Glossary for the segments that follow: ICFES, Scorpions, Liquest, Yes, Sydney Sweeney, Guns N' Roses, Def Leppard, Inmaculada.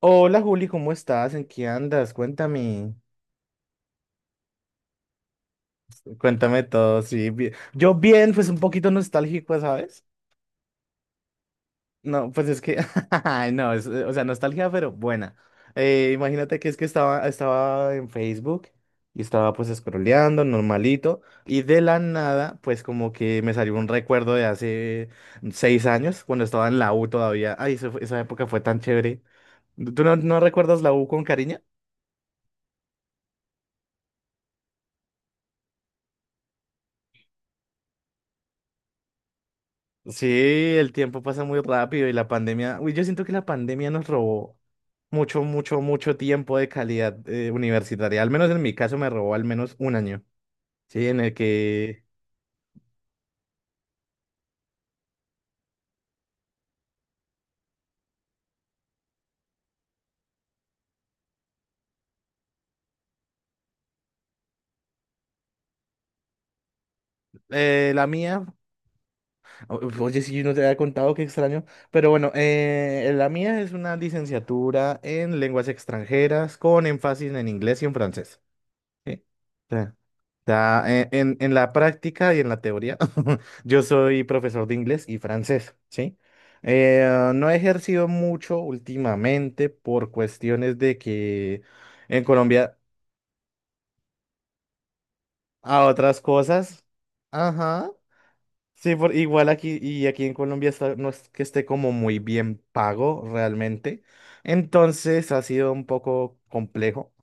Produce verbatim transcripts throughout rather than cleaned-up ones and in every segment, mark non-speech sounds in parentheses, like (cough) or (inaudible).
Hola Juli, ¿cómo estás? ¿En qué andas? Cuéntame, cuéntame todo, sí. bi- Yo bien, pues un poquito nostálgico, ¿sabes? No, pues es que, (laughs) ay, no, es, eh, o sea, nostalgia, pero buena. Eh, imagínate que es que estaba, estaba en Facebook y estaba pues scrolleando, normalito, y de la nada, pues como que me salió un recuerdo de hace seis años, cuando estaba en la U todavía. Ay, eso fue- esa época fue tan chévere. ¿Tú no, no recuerdas la U con cariño? Sí, el tiempo pasa muy rápido y la pandemia, uy, yo siento que la pandemia nos robó mucho, mucho, mucho tiempo de calidad eh, universitaria. Al menos en mi caso me robó al menos un año, ¿sí? En el que eh, la mía, o- oye, si yo no te había contado, qué extraño, pero bueno, eh, la mía es una licenciatura en lenguas extranjeras con énfasis en inglés y en francés. Sí. Ya, ya, eh, en, en la práctica y en la teoría, (laughs) yo soy profesor de inglés y francés, ¿sí? Eh, no he ejercido mucho últimamente por cuestiones de que en Colombia a otras cosas, ajá, sí, por, igual aquí y aquí en Colombia está- no es que esté como muy bien pago realmente, entonces ha sido un poco complejo.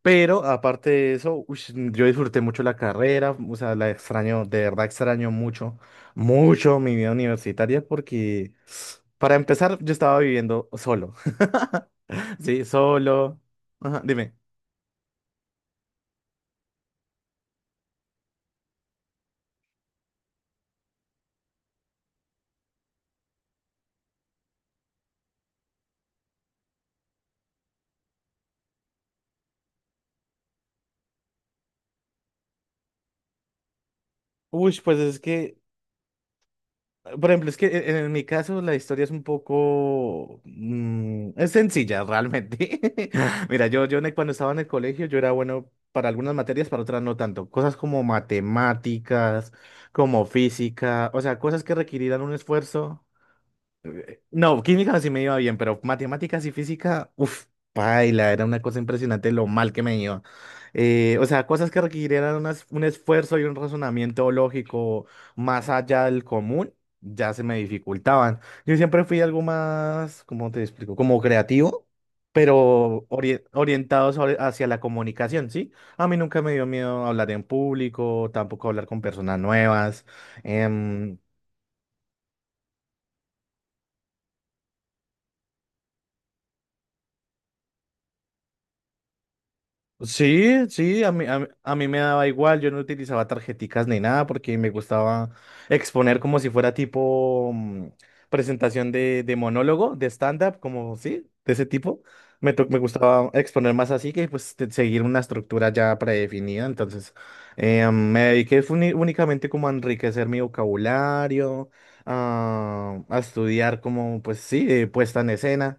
Pero aparte de eso, ush, yo disfruté mucho la carrera, o sea, la extraño, de verdad extraño mucho, mucho mi vida universitaria porque, para empezar, yo estaba viviendo solo. (laughs) Sí, solo. Ajá, dime. Uy, pues es que, por ejemplo, es que en, en mi caso la historia es un poco... mm, es sencilla, realmente. (laughs) Mira, yo, yo en el- cuando estaba en el colegio yo era bueno para algunas materias, para otras no tanto. Cosas como matemáticas, como física, o sea, cosas que requerían un esfuerzo. No, química sí me iba bien, pero matemáticas y física, uff, paila, era una cosa impresionante lo mal que me iba. Eh, o sea, cosas que requirieran unas- un esfuerzo y un razonamiento lógico más allá del común, ya se me dificultaban. Yo siempre fui algo más, ¿cómo te explico? Como creativo, pero ori- orientado sobre- hacia la comunicación, ¿sí? A mí nunca me dio miedo hablar en público, tampoco hablar con personas nuevas. em, Sí, sí, a mí, a, mí a mí me daba igual, yo no utilizaba tarjeticas ni nada porque me gustaba exponer como si fuera tipo mm, presentación de, de monólogo, de stand-up, como sí, de ese tipo. Me, to- me gustaba exponer más así que pues te- seguir una estructura ya predefinida, entonces eh, me dediqué fue uni- únicamente como a enriquecer mi vocabulario, a, a estudiar como pues sí, eh, puesta en escena.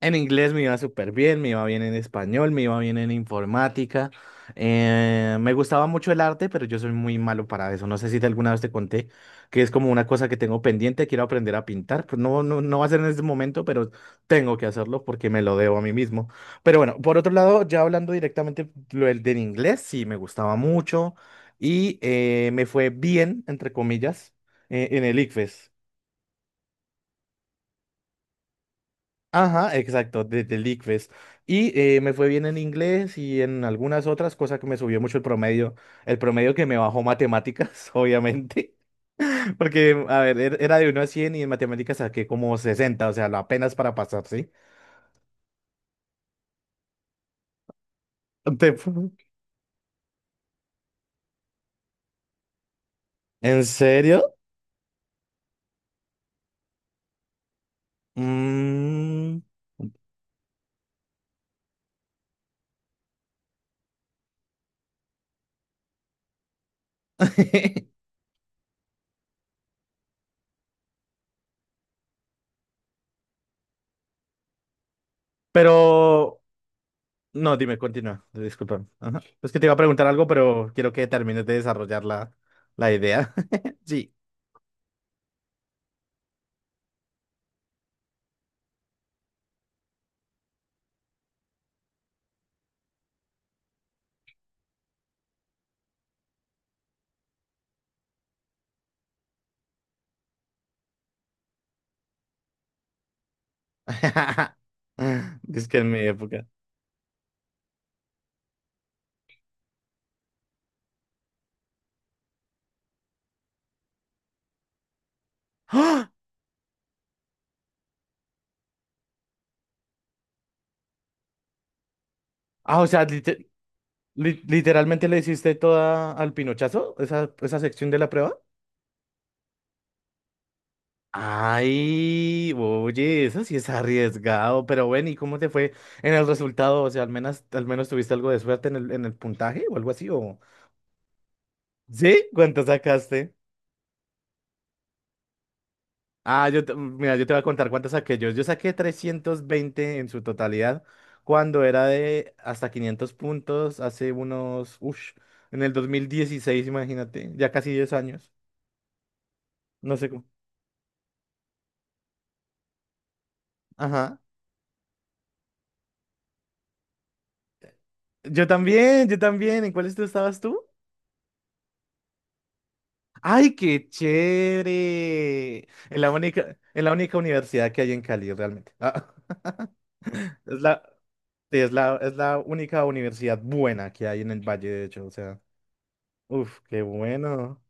En inglés me iba súper bien, me iba bien en español, me iba bien en informática. Eh, me gustaba mucho el arte, pero yo soy muy malo para eso. No sé si te alguna vez te conté que es como una cosa que tengo pendiente, quiero aprender a pintar. Pues no, no, no va a ser en este momento, pero tengo que hacerlo porque me lo debo a mí mismo. Pero bueno, por otro lado, ya hablando directamente lo del, del inglés, sí me gustaba mucho y eh, me fue bien, entre comillas, eh, en el ICFES. Ajá, exacto, de, de Liquest. Y eh, me fue bien en inglés y en algunas otras cosas que me subió mucho el promedio. El promedio que me bajó matemáticas, (laughs) obviamente. Porque, a ver, er- era de uno a cien y en matemáticas saqué como sesenta, o sea, lo apenas para pasar, ¿sí? Te- ¿En serio? Mm. (laughs) Pero, no, dime, continúa, disculpa. Ajá. Es que te iba a preguntar algo, pero quiero que termines de desarrollar la, la idea. (laughs) Sí. (laughs) Es que en mi época. ¡Ah! Ah, o sea, lite- li- literalmente le hiciste toda al pinochazo, esa, esa sección de la prueba. Ay, oye, eso sí es arriesgado, pero bueno, ¿y cómo te fue en el resultado? O sea, al menos, al menos tuviste algo de suerte en el, en el puntaje o algo así, ¿o sí? ¿Cuánto sacaste? Ah, yo te, mm, mira, yo te voy a contar cuántas saqué yo. Yo saqué trescientos veinte en su totalidad cuando era de hasta quinientos puntos hace unos, uff, en el dos mil dieciséis. Imagínate, ya casi diez años. No sé cómo. Ajá. Yo también, yo también. ¿En cuáles tú estabas tú? ¡Ay, qué chévere! En la única, en la única universidad que hay en Cali, realmente. Ah, (laughs) Es la, sí, es la, es la única universidad buena que hay en el Valle, de hecho, o sea. Uf, qué bueno.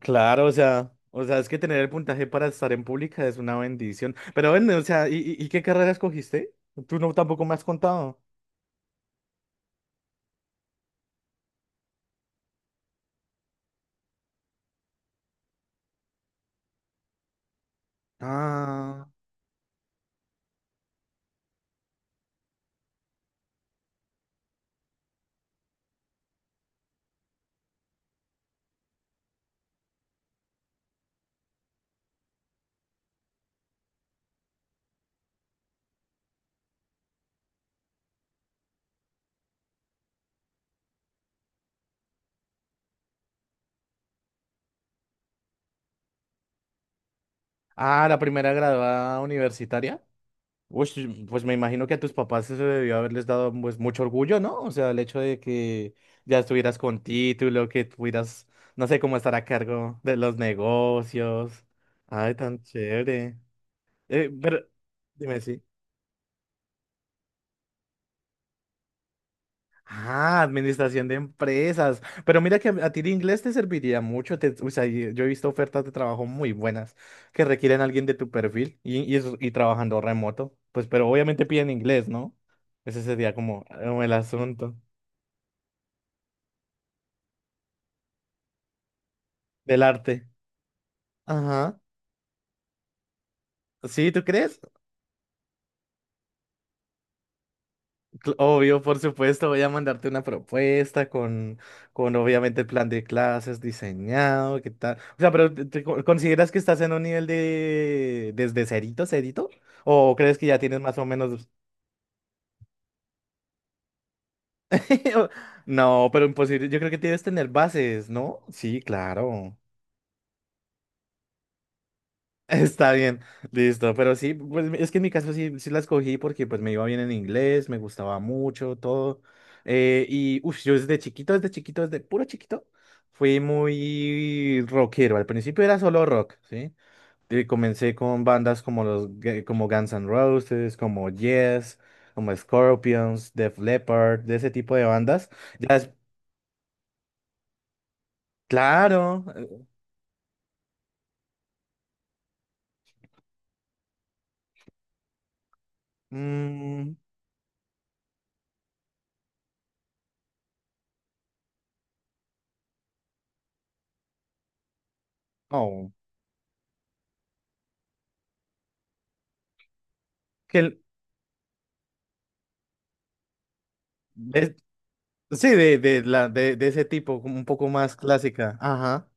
Claro, o sea, o sea, es que tener el puntaje para estar en pública es una bendición. Pero bueno, o sea, ¿y, y- y qué carrera escogiste? Tú no tampoco me has contado. Ah, ah, la primera graduada universitaria. Uy, sí, pues me imagino que a tus papás eso debió haberles dado pues mucho orgullo, ¿no? O sea, el hecho de que ya estuvieras con título, que tuvieras, no sé, cómo estar a cargo de los negocios. Ay, tan chévere. Eh, pero, dime, sí. Ah, administración de empresas. Pero mira que a ti el inglés te serviría mucho. Te- o sea, y- yo he visto ofertas de trabajo muy buenas que requieren a alguien de tu perfil y, y, es- y trabajando remoto. Pues, pero obviamente piden inglés, ¿no? Ese sería como, eh, como el asunto del arte. Ajá. ¿Sí, tú crees? Cl- Obvio, por supuesto, voy a mandarte una propuesta con, con obviamente el plan de clases diseñado, ¿qué tal? O sea, pero ¿te, te co- consideras que estás en un nivel de desde cerito, cerito? ¿O crees que ya tienes más o menos? (laughs) No, pero imposible. Yo creo que tienes que tener bases, ¿no? Sí, claro. Está bien, listo, pero sí, pues es que en mi caso sí, sí la escogí porque pues me iba bien en inglés, me gustaba mucho todo, eh, y uff, yo desde chiquito, desde chiquito, desde puro chiquito, fui muy rockero, al principio era solo rock, ¿sí? Y comencé con bandas como los, gu- como Guns N' Roses, como Yes, como Scorpions, Def Leppard, de ese tipo de bandas, ya, es- claro, eh, mm, oh, que... el- ¿Ves? Sí, de, de, la, de, de ese tipo, como un poco más clásica. Ajá.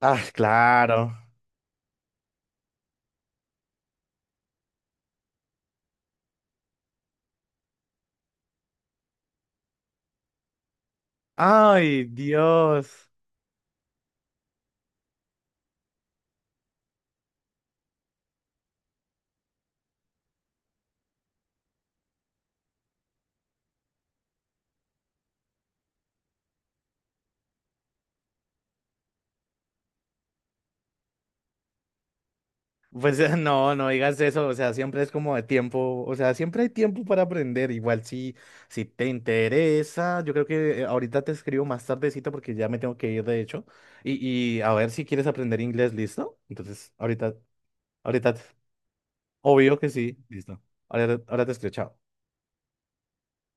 Ah, claro. Ay, Dios. Pues (laughs) eh, no, no digas eso. O sea, siempre es como de tiempo. O sea, siempre hay tiempo para aprender. Igual si, si te interesa. Yo creo que eh, ahorita te escribo más tardecito porque ya me tengo que ir, de hecho. Y, y a ver si quieres aprender inglés, ¿listo? Entonces, ahorita, ahorita, obvio que sí. Listo. Ahora, ahora te escribo, chao.